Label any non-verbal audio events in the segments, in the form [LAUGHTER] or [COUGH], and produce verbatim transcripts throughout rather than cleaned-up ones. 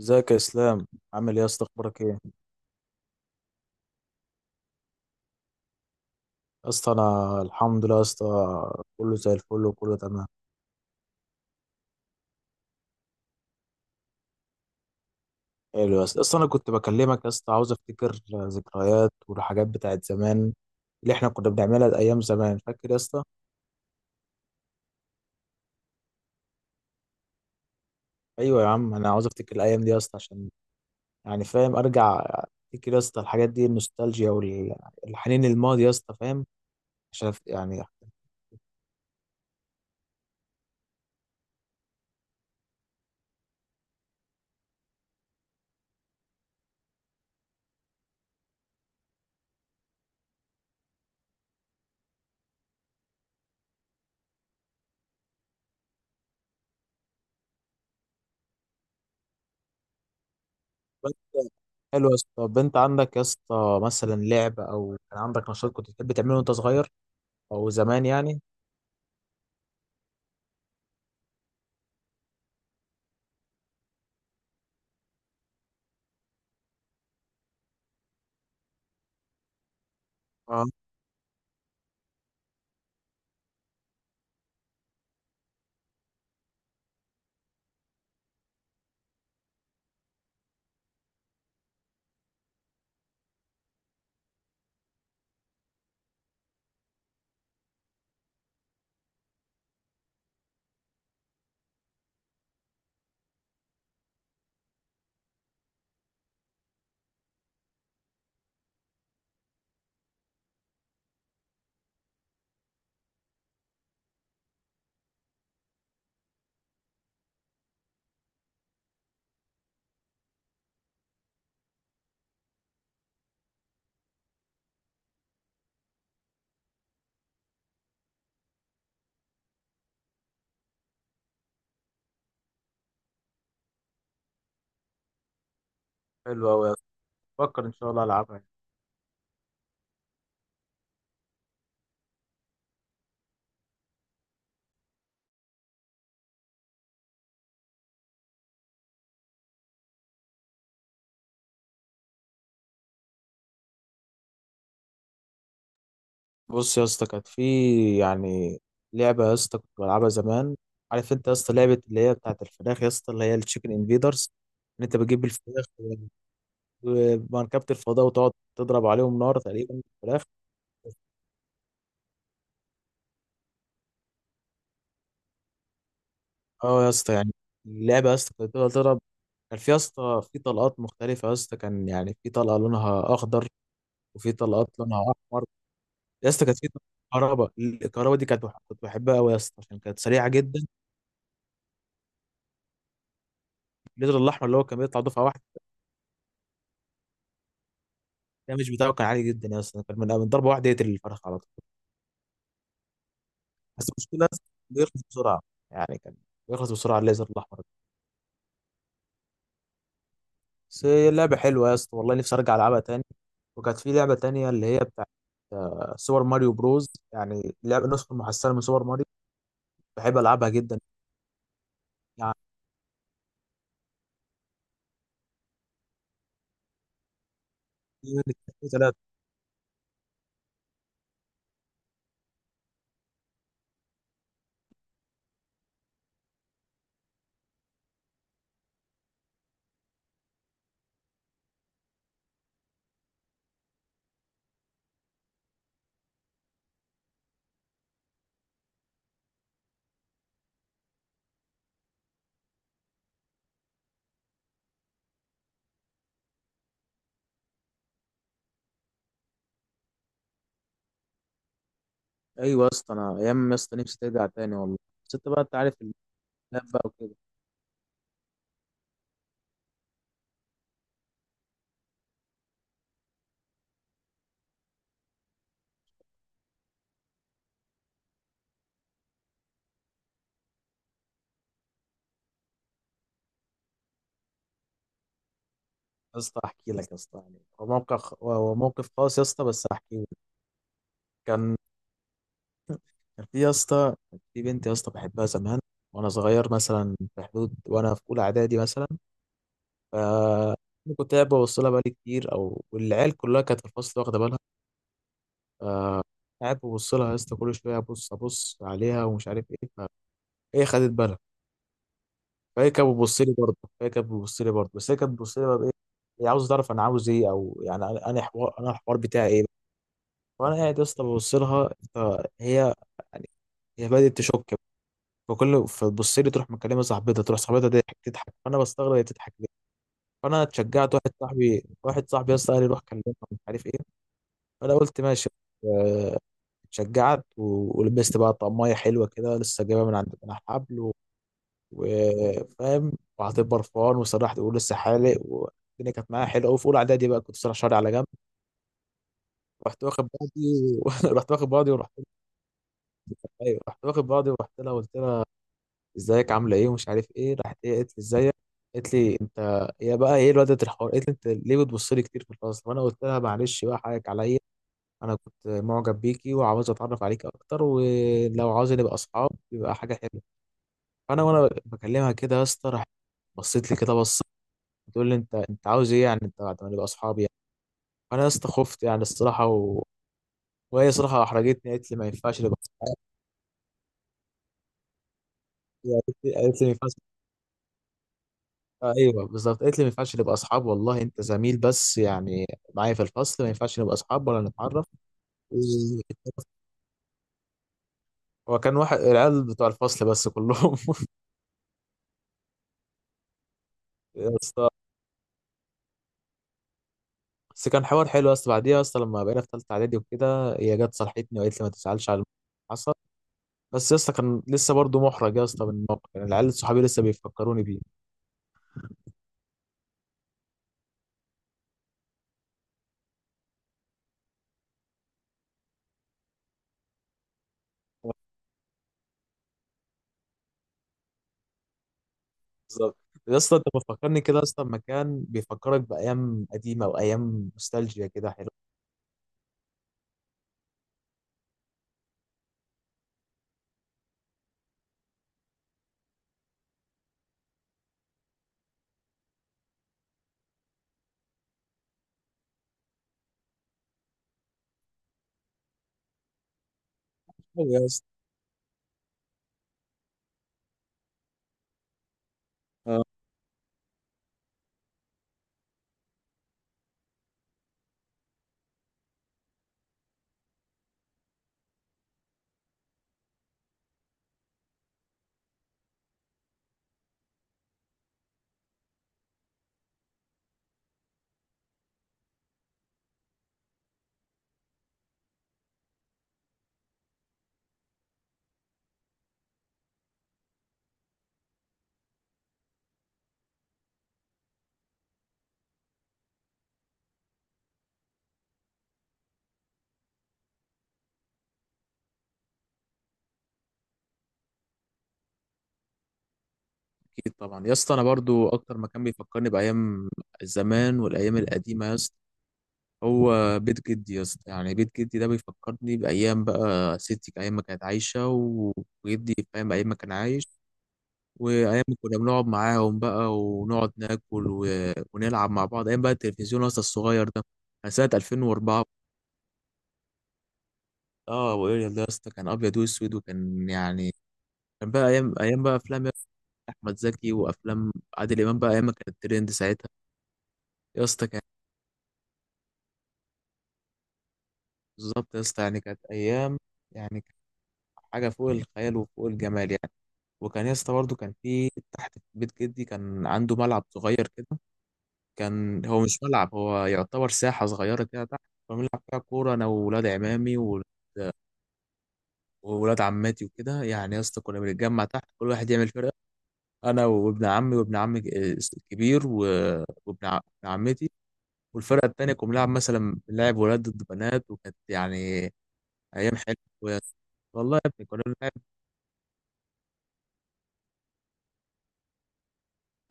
ازيك يا اسلام؟ عامل ايه يا اسطى، اخبارك ايه يا اسطى؟ انا الحمد لله يا اسطى، كله زي الفل وكله تمام. حلو يا اسطى، اصلا انا كنت بكلمك يا اسطى عاوز افتكر ذكريات والحاجات بتاعت زمان اللي احنا كنا بنعملها ايام زمان، فاكر يا اسطى؟ ايوه يا عم، انا عاوز افتكر الايام دي يا اسطى عشان يعني فاهم، ارجع افتكر يا اسطى الحاجات دي، النوستالجيا والحنين للماضي يا اسطى، فاهم؟ عشان يعني. حلو يا اسطى، طب انت عندك يا اسطى مثلا لعب او كان عندك نشاط كنت بتحب تعمله وانت صغير او زمان يعني؟ اه. حلو قوي يا اسطى، بفكر ان شاء الله العبها يعني. بص يا اسطى، كانت في يعني لعبه يا اسطى كنت بلعبها زمان، عارف انت يا اسطى لعبه اللي هي بتاعت الفراخ يا اسطى، اللي هي التشيكن انفيدرز، ان انت بتجيب الفراخ ومركبه الفضاء وتقعد تضرب عليهم نار تقريبا الفراخ. اه يا اسطى يعني، اللعبه يا اسطى كانت بتفضل تضرب، كان في يا اسطى في طلقات مختلفه يا اسطى، كان يعني في طلقه لونها اخضر، وفي طلقات لونها احمر. يا اسطى كانت في طلقات كهرباء، الكهرباء دي كانت بح- كنت بحبها قوي يا اسطى عشان كانت سريعه جدا. الليتر الاحمر اللي هو كان بيطلع دفعه واحده، الدمج بتاعه كان عالي جدا يا اسطى، كان من من ضربه واحده يقتل الفرخ على طول. بس المشكله يا اسطى بيخلص بسرعه، يعني كان بيخلص بسرعه الليزر الاحمر ده. بس هي لعبه حلوه يا اسطى والله، نفسي ارجع العبها تاني. وكانت في لعبه تانيه اللي هي بتاعت آه، سوبر ماريو بروز، يعني لعبه نسخه محسنه من سوبر ماريو، بحب العبها جدا يعني. ايوه يا اسطى، انا ايام يا اسطى نفسي ترجع تاني والله، بس انت بقى انت عارف الخلاف بقى وكده. يا اسطى احكي لك يا اسطى، يعني هو موقف، هو موقف خاص يا اسطى، بس احكي لك. كان كان في يا اسطى، كان في بنت يا اسطى بحبها زمان وانا صغير، مثلا في حدود وانا في اولى اعدادي مثلا. ف كنت قاعد ببص لها بقالي كتير، او والعيال كلها كانت في الفصل واخده بالها. قاعد ببص لها يا اسطى كل شويه، ابص ابص عليها ومش عارف ايه. فهي خدت بالها. فهي كانت بتبص لي برضه، فهي كانت بتبص لي برضه، بس هي كانت بتبص لي بقى بايه؟ هي عاوزه تعرف انا عاوز ايه، او يعني انا أنا حوار، انا الحوار بتاعي ايه. وانا قاعد يا اسطى ببص لها، أنت- هي يعني، هي بدات تشك. فكل فتبص لي، تروح مكلمه صاحبتها، تروح صاحبتها تضحك تضحك، فانا بستغرب هي بتضحك ليه. فانا اتشجعت، واحد صاحبي واحد صاحبي يا اسطى قال لي روح كلمها مش عارف ايه. فانا قلت ماشي. آه، اتشجعت و- ولبست بقى طقمية حلوة كده، لسه جايبها من عند، من على الحبل، وفاهم. وحطيت برفان وسرحت، تقول لسه حالق، والدنيا كانت معايا حلوه قوي، في اولى اعدادي بقى كنت سرح شعري على جنب. رحت واخد بعضي و... [LAUGHS] رحت واخد بعضي ورحت. ايوه رحت واخد بعضي ورحت لها، قلت لها ازيك عامله ايه ومش عارف ايه، راحت هي قالت لي ازيك. قالت لي انت، هي بقى ايه الواد الحوار، قالت لي انت ليه بتبص لي كتير في الفصل؟ وانا قلت لها معلش بقى حقك عليا، انا كنت معجب بيكي وعاوز اتعرف عليكي اكتر، ولو عاوز نبقى اصحاب يبقى حاجه حلوه. فانا وانا بكلمها كده يا اسطى، راحت بصيت لي كده، بص بتقول لي انت انت عاوز ايه يعني، انت بعد ما نبقى اصحاب يعني؟ فانا يا اسطى خفت يعني الصراحه، و... وهي صراحه احرجتني، قالت لي ما ينفعش نبقى اصحاب. قالت لي قالت لي ما ينفعش. آه ايوه بالظبط، قالت لي ما ينفعش نبقى اصحاب، والله انت زميل بس يعني معايا في الفصل، ما ينفعش نبقى اصحاب ولا نتعرف. هو كان واحد العيال بتوع الفصل بس كلهم [LAUGHS] يا اسطى، بس كان حوار حلو يا اسطى، بعديها يا اسطى لما بقينا في ثالثه اعدادي وكده، هي جت صالحتني وقالت لي ما تزعلش على اللي حصل. بس يا اسطى كان لسه برضه محرج يا اسطى من الموقف، يعني العيال صحابي لسه بيفكروني بيه. بالظبط يا اسطى، انت بتفكرني كده يا اسطى بمكان بيفكرك بايام قديمه وايام نوستالجيا كده، حلو أوي يا اسطى. اه، اكيد طبعا يا اسطى، انا برضو اكتر مكان بيفكرني بايام زمان والايام القديمه يا اسطى هو بيت جدي يا اسطى، يعني بيت جدي ده بيفكرني بايام، بقى ستي ايام ما كانت عايشه و- وجدي فاهم ايام ما كان عايش. وايام ما كنا بنقعد معاهم بقى ونقعد ناكل و... ونلعب مع بعض، ايام بقى التلفزيون يا اسطى الصغير ده كان سنه ألفين وأربعة. اه ابو اريال ده يا اسطى كان ابيض واسود وكان يعني، كان بقى ايام ايام بقى افلام يا اسطى، احمد زكي وافلام عادل امام، بقى ايام ما كانت ترند ساعتها. يا اسطى كان بالظبط يا اسطى، يعني كانت ايام، يعني كانت حاجه فوق الخيال وفوق الجمال يعني. وكان يا اسطى برضه كان في تحت في بيت جدي كان عنده ملعب صغير كده، كان هو مش ملعب، هو يعتبر ساحه صغيره كده تحت، كنا بنلعب فيها كوره انا واولاد عمامي و- وولاد عماتي وكده يعني يا اسطى. كنا بنتجمع تحت، كل واحد يعمل فرقه، انا وابن عمي وابن عمي الكبير و- وابن ع- ابن عمتي، والفرقه التانيه كنا بنلعب مثلا بنلعب ولاد ضد بنات، وكانت يعني ايام حلوه يا اسطى. والله يا ابني كنا بنلعب.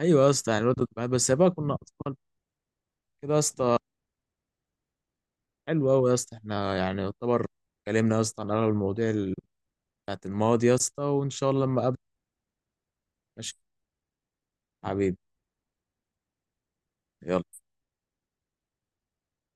ايوه يا اسطى يعني ولاد ضد بنات، بس بقى كنا اطفال كده يا اسطى. حلو قوي يا اسطى، احنا يعني يعتبر اتكلمنا يا اسطى عن اغلب المواضيع ال- بتاعت الماضي يا اسطى، وان شاء الله لما اقابلك. ماشي، حبيبي، يلا.